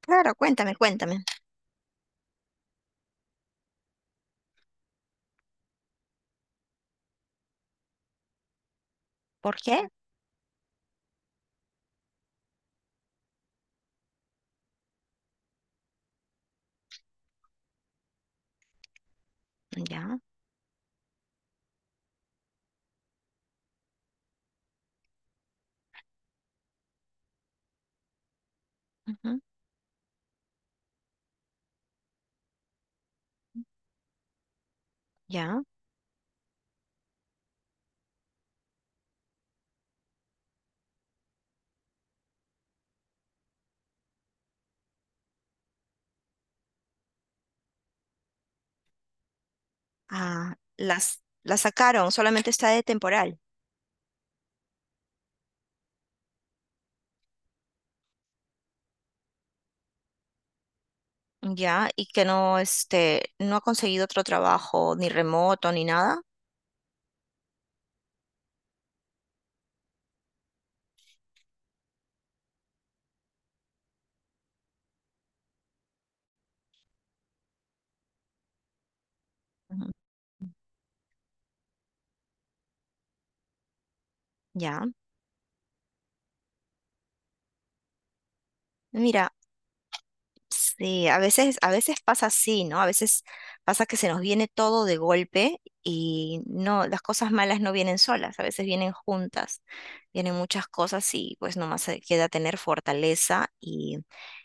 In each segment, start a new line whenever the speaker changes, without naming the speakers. Claro, cuéntame, cuéntame. ¿Por qué? Ya, ujú, ya. Ah, la sacaron, solamente está de temporal. Ya, y que no, este, no ha conseguido otro trabajo, ni remoto, ni nada. Ujú, ya. Mira. Sí, a veces pasa así, ¿no? A veces pasa que se nos viene todo de golpe y no, las cosas malas no vienen solas, a veces vienen juntas, vienen muchas cosas y pues nomás se queda tener fortaleza y,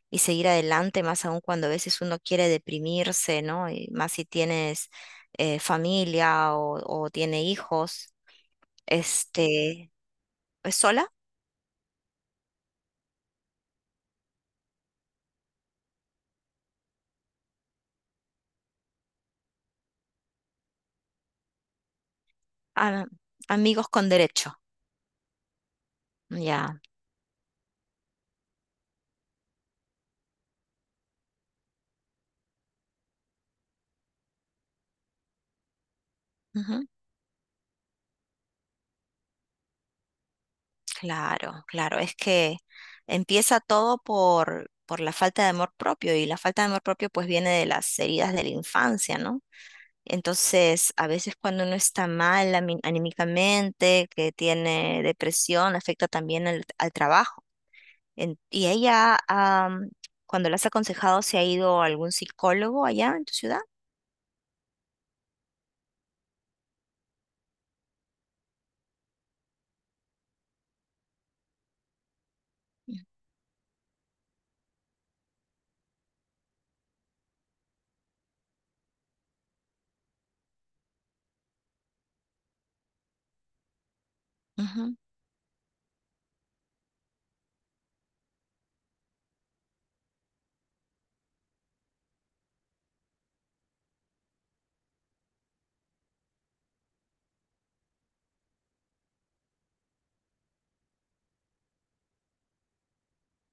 y seguir adelante, más aún cuando a veces uno quiere deprimirse, ¿no? Y más si tienes familia o tiene hijos, este, es sola, a- amigos con derecho, ya. Ujú. Claro, claro, es que empieza todo por la falta de amor propio y la falta de amor propio pues viene de las heridas de la infancia, ¿no? Entonces, a veces cuando uno está mal anímicamente, que tiene depresión, afecta también al trabajo. ¿Y ella, cuando la has aconsejado, se ha ido a algún psicólogo allá en tu ciudad? Ujú,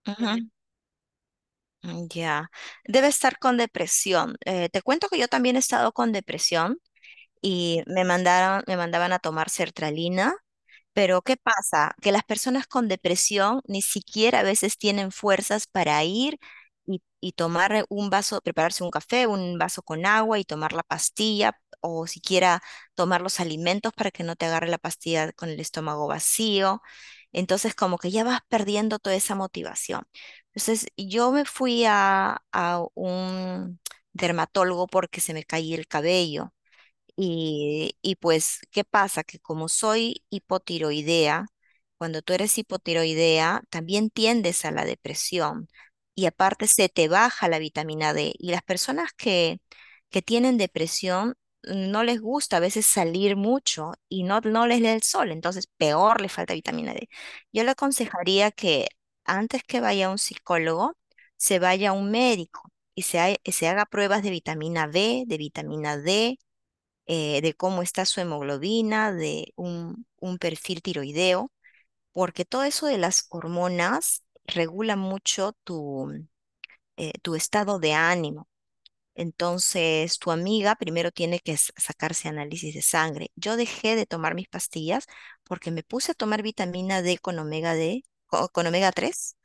ujú, mm, ya. Debe estar con depresión. Te cuento que yo también he estado con depresión y me mandaban a tomar sertralina. Pero ¿qué pasa? Que las personas con depresión ni siquiera a veces tienen fuerzas para ir y tomar un vaso, prepararse un café, un vaso con agua y tomar la pastilla o siquiera tomar los alimentos para que no te agarre la pastilla con el estómago vacío. Entonces como que ya vas perdiendo toda esa motivación. Entonces yo me fui a un dermatólogo porque se me caía el cabello y pues, ¿qué pasa? Que como soy hipotiroidea, cuando tú eres hipotiroidea, también tiendes a la depresión y aparte se te baja la vitamina D. Y las personas que tienen depresión no les gusta a veces salir mucho y no, no les da el sol, entonces peor les falta vitamina D. Yo le aconsejaría que antes que vaya a un psicólogo, se vaya a un médico y se haga pruebas de vitamina B, de vitamina D de cómo está su hemoglobina, de un perfil tiroideo, porque todo eso de las hormonas regula mucho tu estado de ánimo. Entonces, tu amiga primero tiene que sacarse análisis de sangre. Yo dejé de tomar mis pastillas porque me puse a tomar vitamina D con omega D, con omega 3.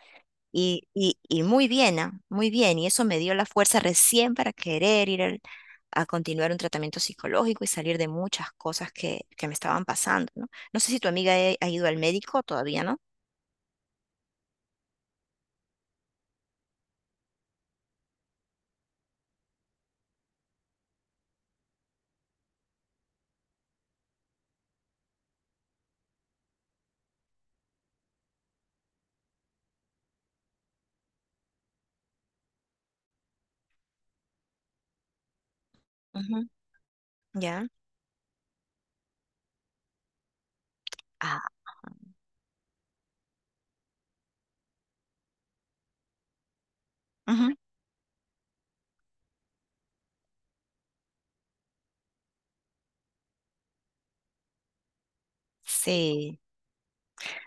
Y muy bien, ah, muy bien. Y eso me dio la fuerza recién para querer ir a continuar un tratamiento psicológico y salir de muchas cosas que me estaban pasando, ¿no? No sé si tu amiga ha ido al médico todavía, ¿no? Ujú. ¿Ya? Ah, ujú, sí.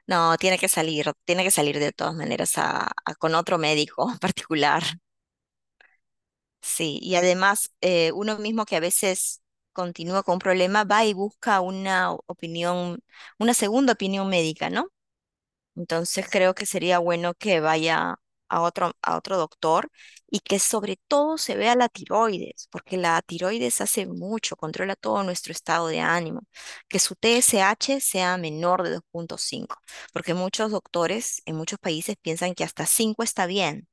No, tiene que salir de todas maneras con otro médico particular. Sí, y además uno mismo que a veces continúa con un problema va y busca una opinión, una segunda opinión médica, ¿no? Entonces creo que sería bueno que vaya a otro doctor y que sobre todo se vea la tiroides, porque la tiroides hace mucho, controla todo nuestro estado de ánimo. Que su TSH sea menor de 2,5 porque muchos doctores en muchos países piensan que hasta 5 está bien,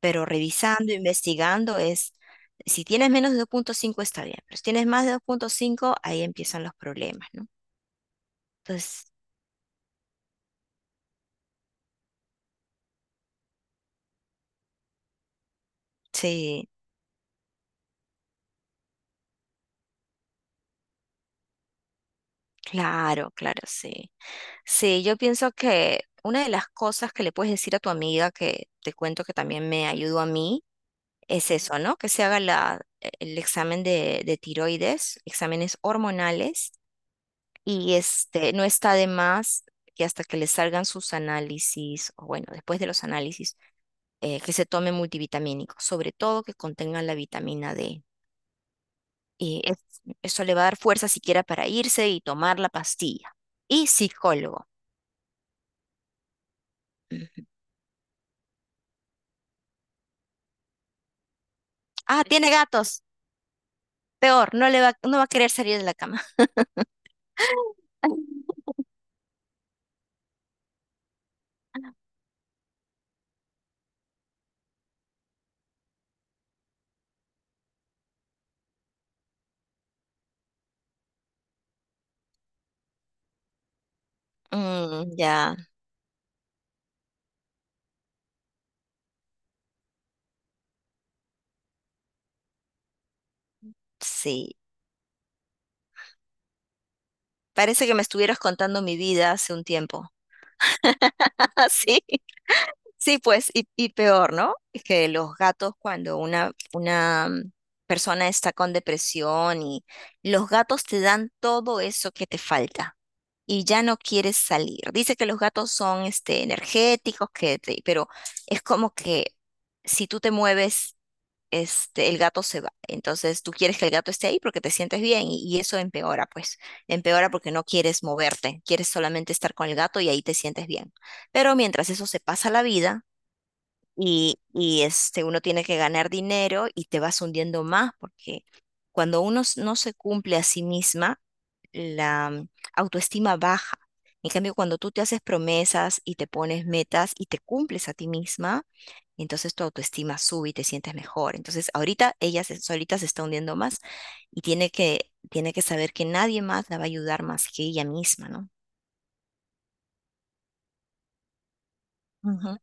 pero revisando, investigando es, si tienes menos de 2,5 está bien, pero si tienes más de 2,5 ahí empiezan los problemas, ¿no? Entonces, sí, claro, claro, sí. Sí, yo pienso que una de las cosas que le puedes decir a tu amiga, que te cuento que también me ayudó a mí, es eso, ¿no? Que se haga el examen de tiroides, exámenes hormonales, y este, no está de más que hasta que le salgan sus análisis, o bueno, después de los análisis, que se tome multivitamínicos, sobre todo que contengan la vitamina D. Y eso le va a dar fuerza siquiera para irse y tomar la pastilla. Y psicólogo. Ujú. Ah, tiene gatos. Peor, no va a querer salir de la cama. Mm, ya, sí. Parece que me estuvieras contando mi vida hace un tiempo. Ah, sí, sí, pues, y peor, ¿no? Es que los gatos, cuando una persona está con depresión y los gatos te dan todo eso que te falta y ya no quieres salir. Dice que los gatos son, este, energéticos, pero es como que si tú te mueves este, el gato se va. Entonces tú quieres que el gato esté ahí porque te sientes bien y eso empeora, pues, empeora porque no quieres moverte, quieres solamente estar con el gato y ahí te sientes bien. Pero mientras eso se pasa la vida y este, uno tiene que ganar dinero y te vas hundiendo más porque cuando uno no se cumple a sí misma, la autoestima baja. En cambio, cuando tú te haces promesas y te pones metas y te cumples a ti misma, entonces tu autoestima sube y te sientes mejor. Entonces, ahorita ella solita se está hundiendo más y tiene que saber que nadie más la va a ayudar más que ella misma, ¿no? Ujú,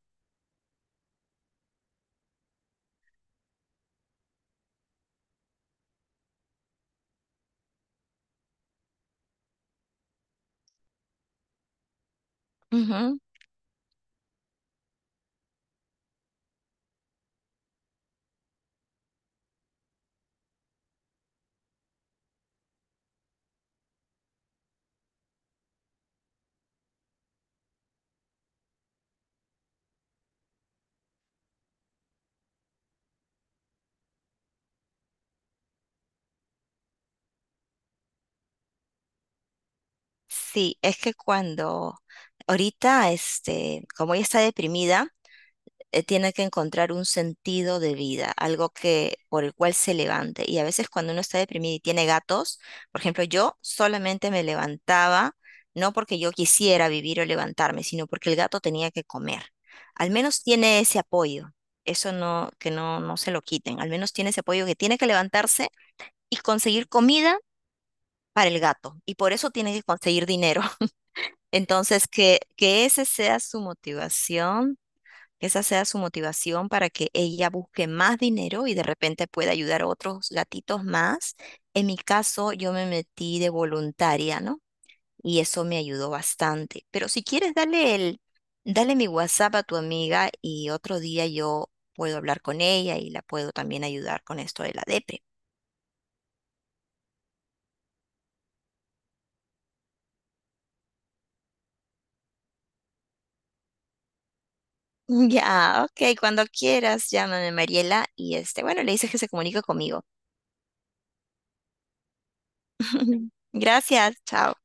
ujú. Sí, es que cuando ahorita, este, como ella está deprimida, tiene que encontrar un sentido de vida, algo que por el cual se levante. Y a veces cuando uno está deprimido y tiene gatos, por ejemplo, yo solamente me levantaba, no porque yo quisiera vivir o levantarme, sino porque el gato tenía que comer. Al menos tiene ese apoyo. Eso no, que no, no se lo quiten. Al menos tiene ese apoyo que tiene que levantarse y conseguir comida para el gato. Y por eso tiene que conseguir dinero. Entonces, que ese sea su motivación, esa sea su motivación para que ella busque más dinero y de repente pueda ayudar a otros gatitos más. En mi caso, yo me metí de voluntaria, ¿no? Y eso me ayudó bastante. Pero si quieres, dale mi WhatsApp a tu amiga y otro día yo puedo hablar con ella y la puedo también ayudar con esto de la depre. Ya, ok, cuando quieras, llámame Mariela y este, bueno, le dices que se comunique conmigo. Gracias, chao.